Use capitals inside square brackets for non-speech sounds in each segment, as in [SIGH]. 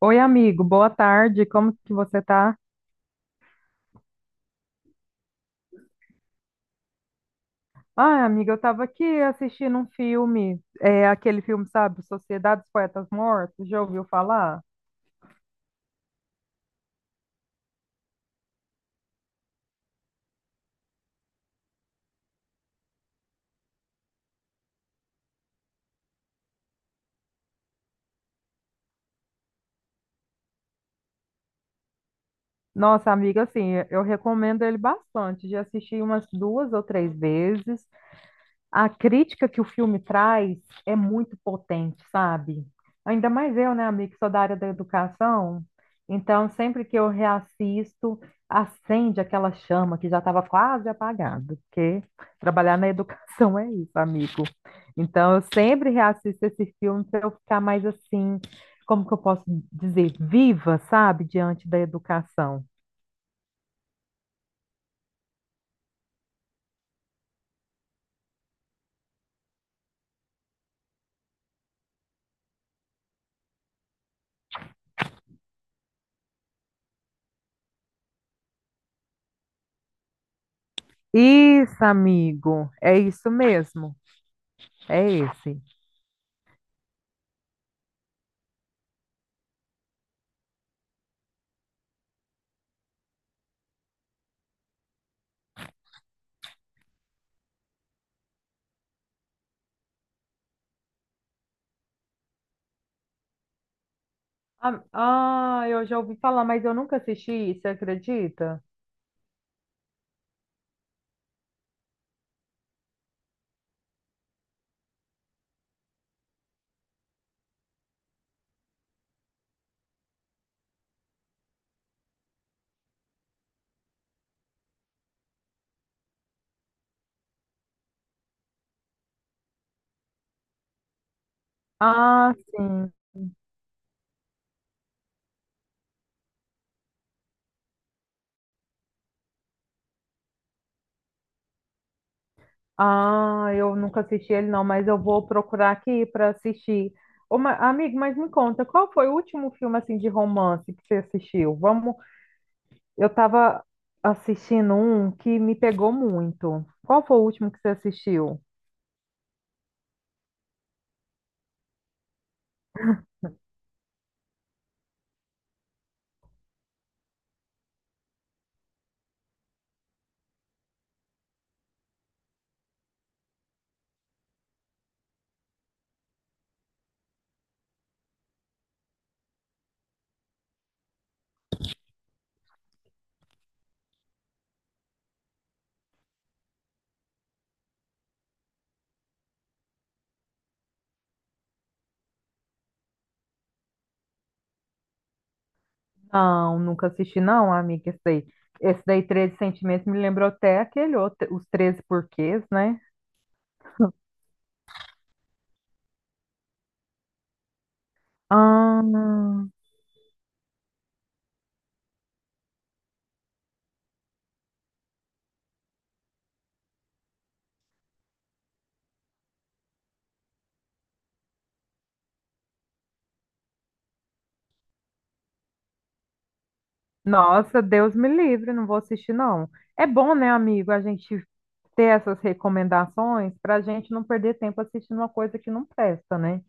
Oi, amigo, boa tarde, como que você tá? Ah, amiga, eu tava aqui assistindo um filme, é aquele filme, sabe, Sociedade dos Poetas Mortos, já ouviu falar? Nossa, amiga, assim, eu recomendo ele bastante, já assisti umas duas ou três vezes, a crítica que o filme traz é muito potente, sabe? Ainda mais eu, né, amigo, que sou da área da educação. Então, sempre que eu reassisto, acende aquela chama que já estava quase apagada, porque trabalhar na educação é isso, amigo. Então, eu sempre reassisto esse filme para eu ficar mais assim, como que eu posso dizer, viva, sabe, diante da educação. Isso, amigo, é isso mesmo, é esse. Ah, eu já ouvi falar, mas eu nunca assisti, você acredita? Ah, sim. Ah, eu nunca assisti ele não, mas eu vou procurar aqui para assistir. Ô, amigo, mas me conta, qual foi o último filme assim de romance que você assistiu? Vamos, eu estava assistindo um que me pegou muito. Qual foi o último que você assistiu? Não, nunca assisti não, amiga, esse daí. Esse daí, 13 Sentimentos, me lembrou até aquele outro, Os Treze Porquês, né? Ah, nossa, Deus me livre, não vou assistir, não. É bom, né, amigo, a gente ter essas recomendações para a gente não perder tempo assistindo uma coisa que não presta, né?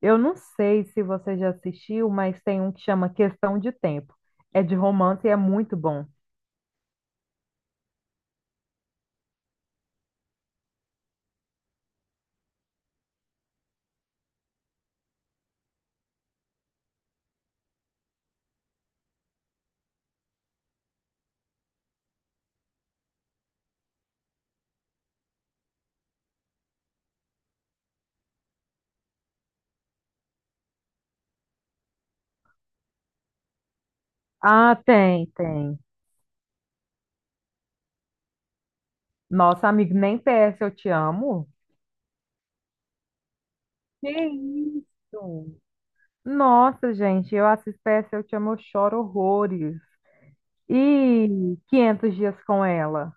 Eu não sei se você já assistiu, mas tem um que chama Questão de Tempo. É de romance e é muito bom. Ah, tem, tem. Nossa, amigo, nem PS Eu Te Amo. Que isso? Nossa, gente, eu assisto PS Eu Te Amo, eu choro horrores. E 500 dias com ela.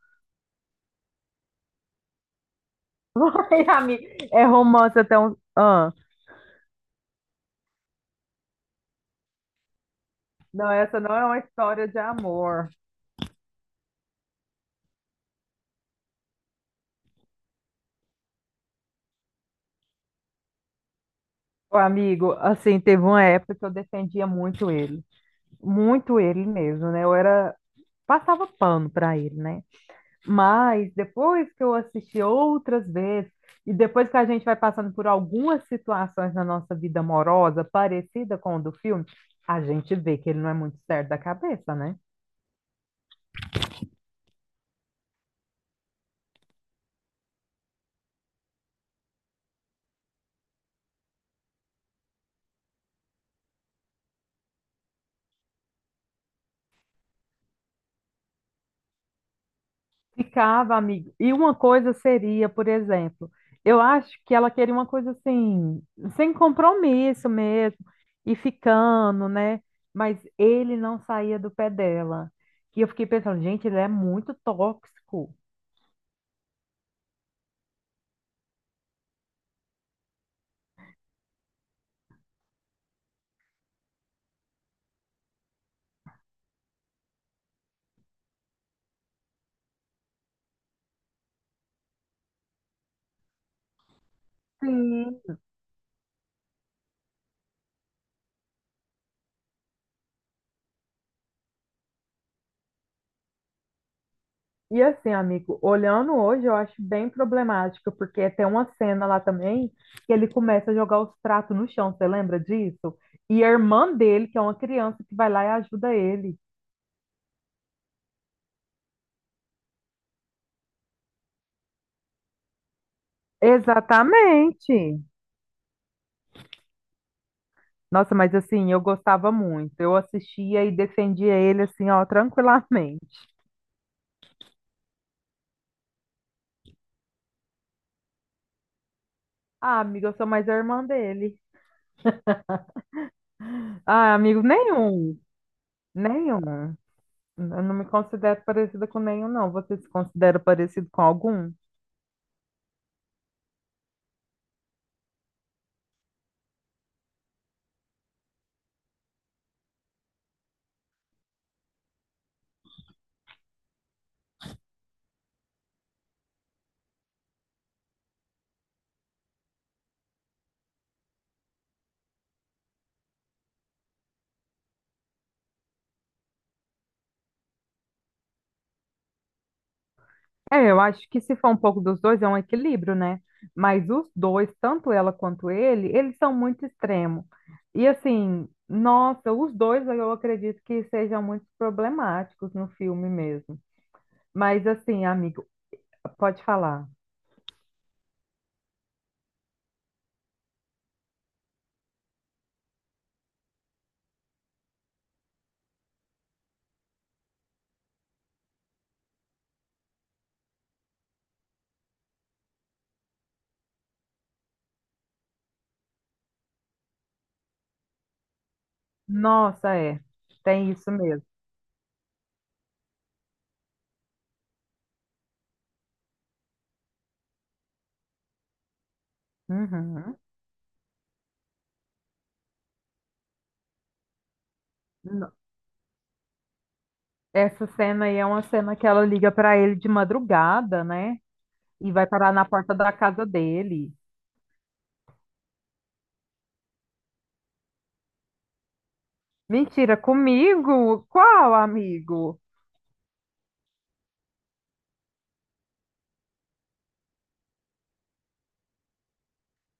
[LAUGHS] Vai, amigo. É romance até um. Ah, não, essa não é uma história de amor. Ô, amigo, assim, teve uma época que eu defendia muito ele. Muito ele mesmo, né? Eu era. Passava pano pra ele, né? Mas depois que eu assisti outras vezes, e depois que a gente vai passando por algumas situações na nossa vida amorosa, parecida com o do filme, a gente vê que ele não é muito certo da cabeça, né? Ficava, amigo. E uma coisa seria, por exemplo, eu acho que ela queria uma coisa assim, sem compromisso mesmo, e ficando, né? Mas ele não saía do pé dela. E eu fiquei pensando, gente, ele é muito tóxico. Sim. E assim, amigo, olhando hoje, eu acho bem problemático, porque tem uma cena lá também que ele começa a jogar os pratos no chão, você lembra disso? E a irmã dele, que é uma criança, que vai lá e ajuda ele. Exatamente. Nossa, mas assim, eu gostava muito. Eu assistia e defendia ele assim, ó, [LAUGHS] tranquilamente. Ah, amiga, eu sou mais a irmã dele. Ah, amigo, nenhum. Nenhum. Eu não me considero parecida com nenhum, não. Você se considera parecido com algum? É, eu acho que se for um pouco dos dois, é um equilíbrio, né? Mas os dois, tanto ela quanto ele, eles são muito extremos. E assim, nossa, os dois eu acredito que sejam muito problemáticos no filme mesmo. Mas assim, amigo, pode falar. Nossa, é. Tem isso mesmo. Uhum. No- Essa cena aí é uma cena que ela liga pra ele de madrugada, né? E vai parar na porta da casa dele. Mentira, comigo? Qual amigo?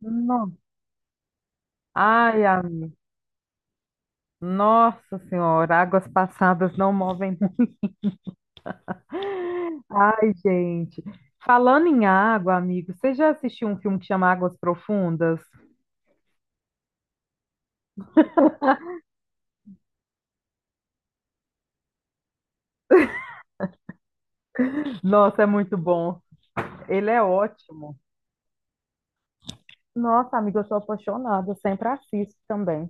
Não. Ai, a- nossa senhora, águas passadas não movem. [LAUGHS] Ai, gente. Falando em água, amigo, você já assistiu um filme que chama Águas Profundas? Nossa, é muito bom. Ele é ótimo. Nossa, amigo, eu sou apaixonada, eu sempre assisto também.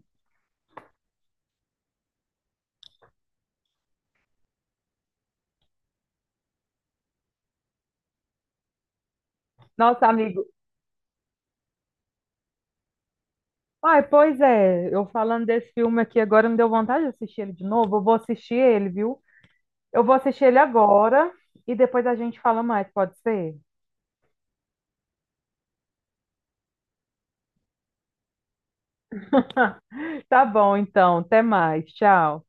Nossa, amigo, ai, pois é, eu falando desse filme aqui agora, me deu vontade de assistir ele de novo. Eu vou assistir ele, viu? Eu vou assistir ele agora e depois a gente fala mais, pode ser? Tá bom, então, até mais, tchau.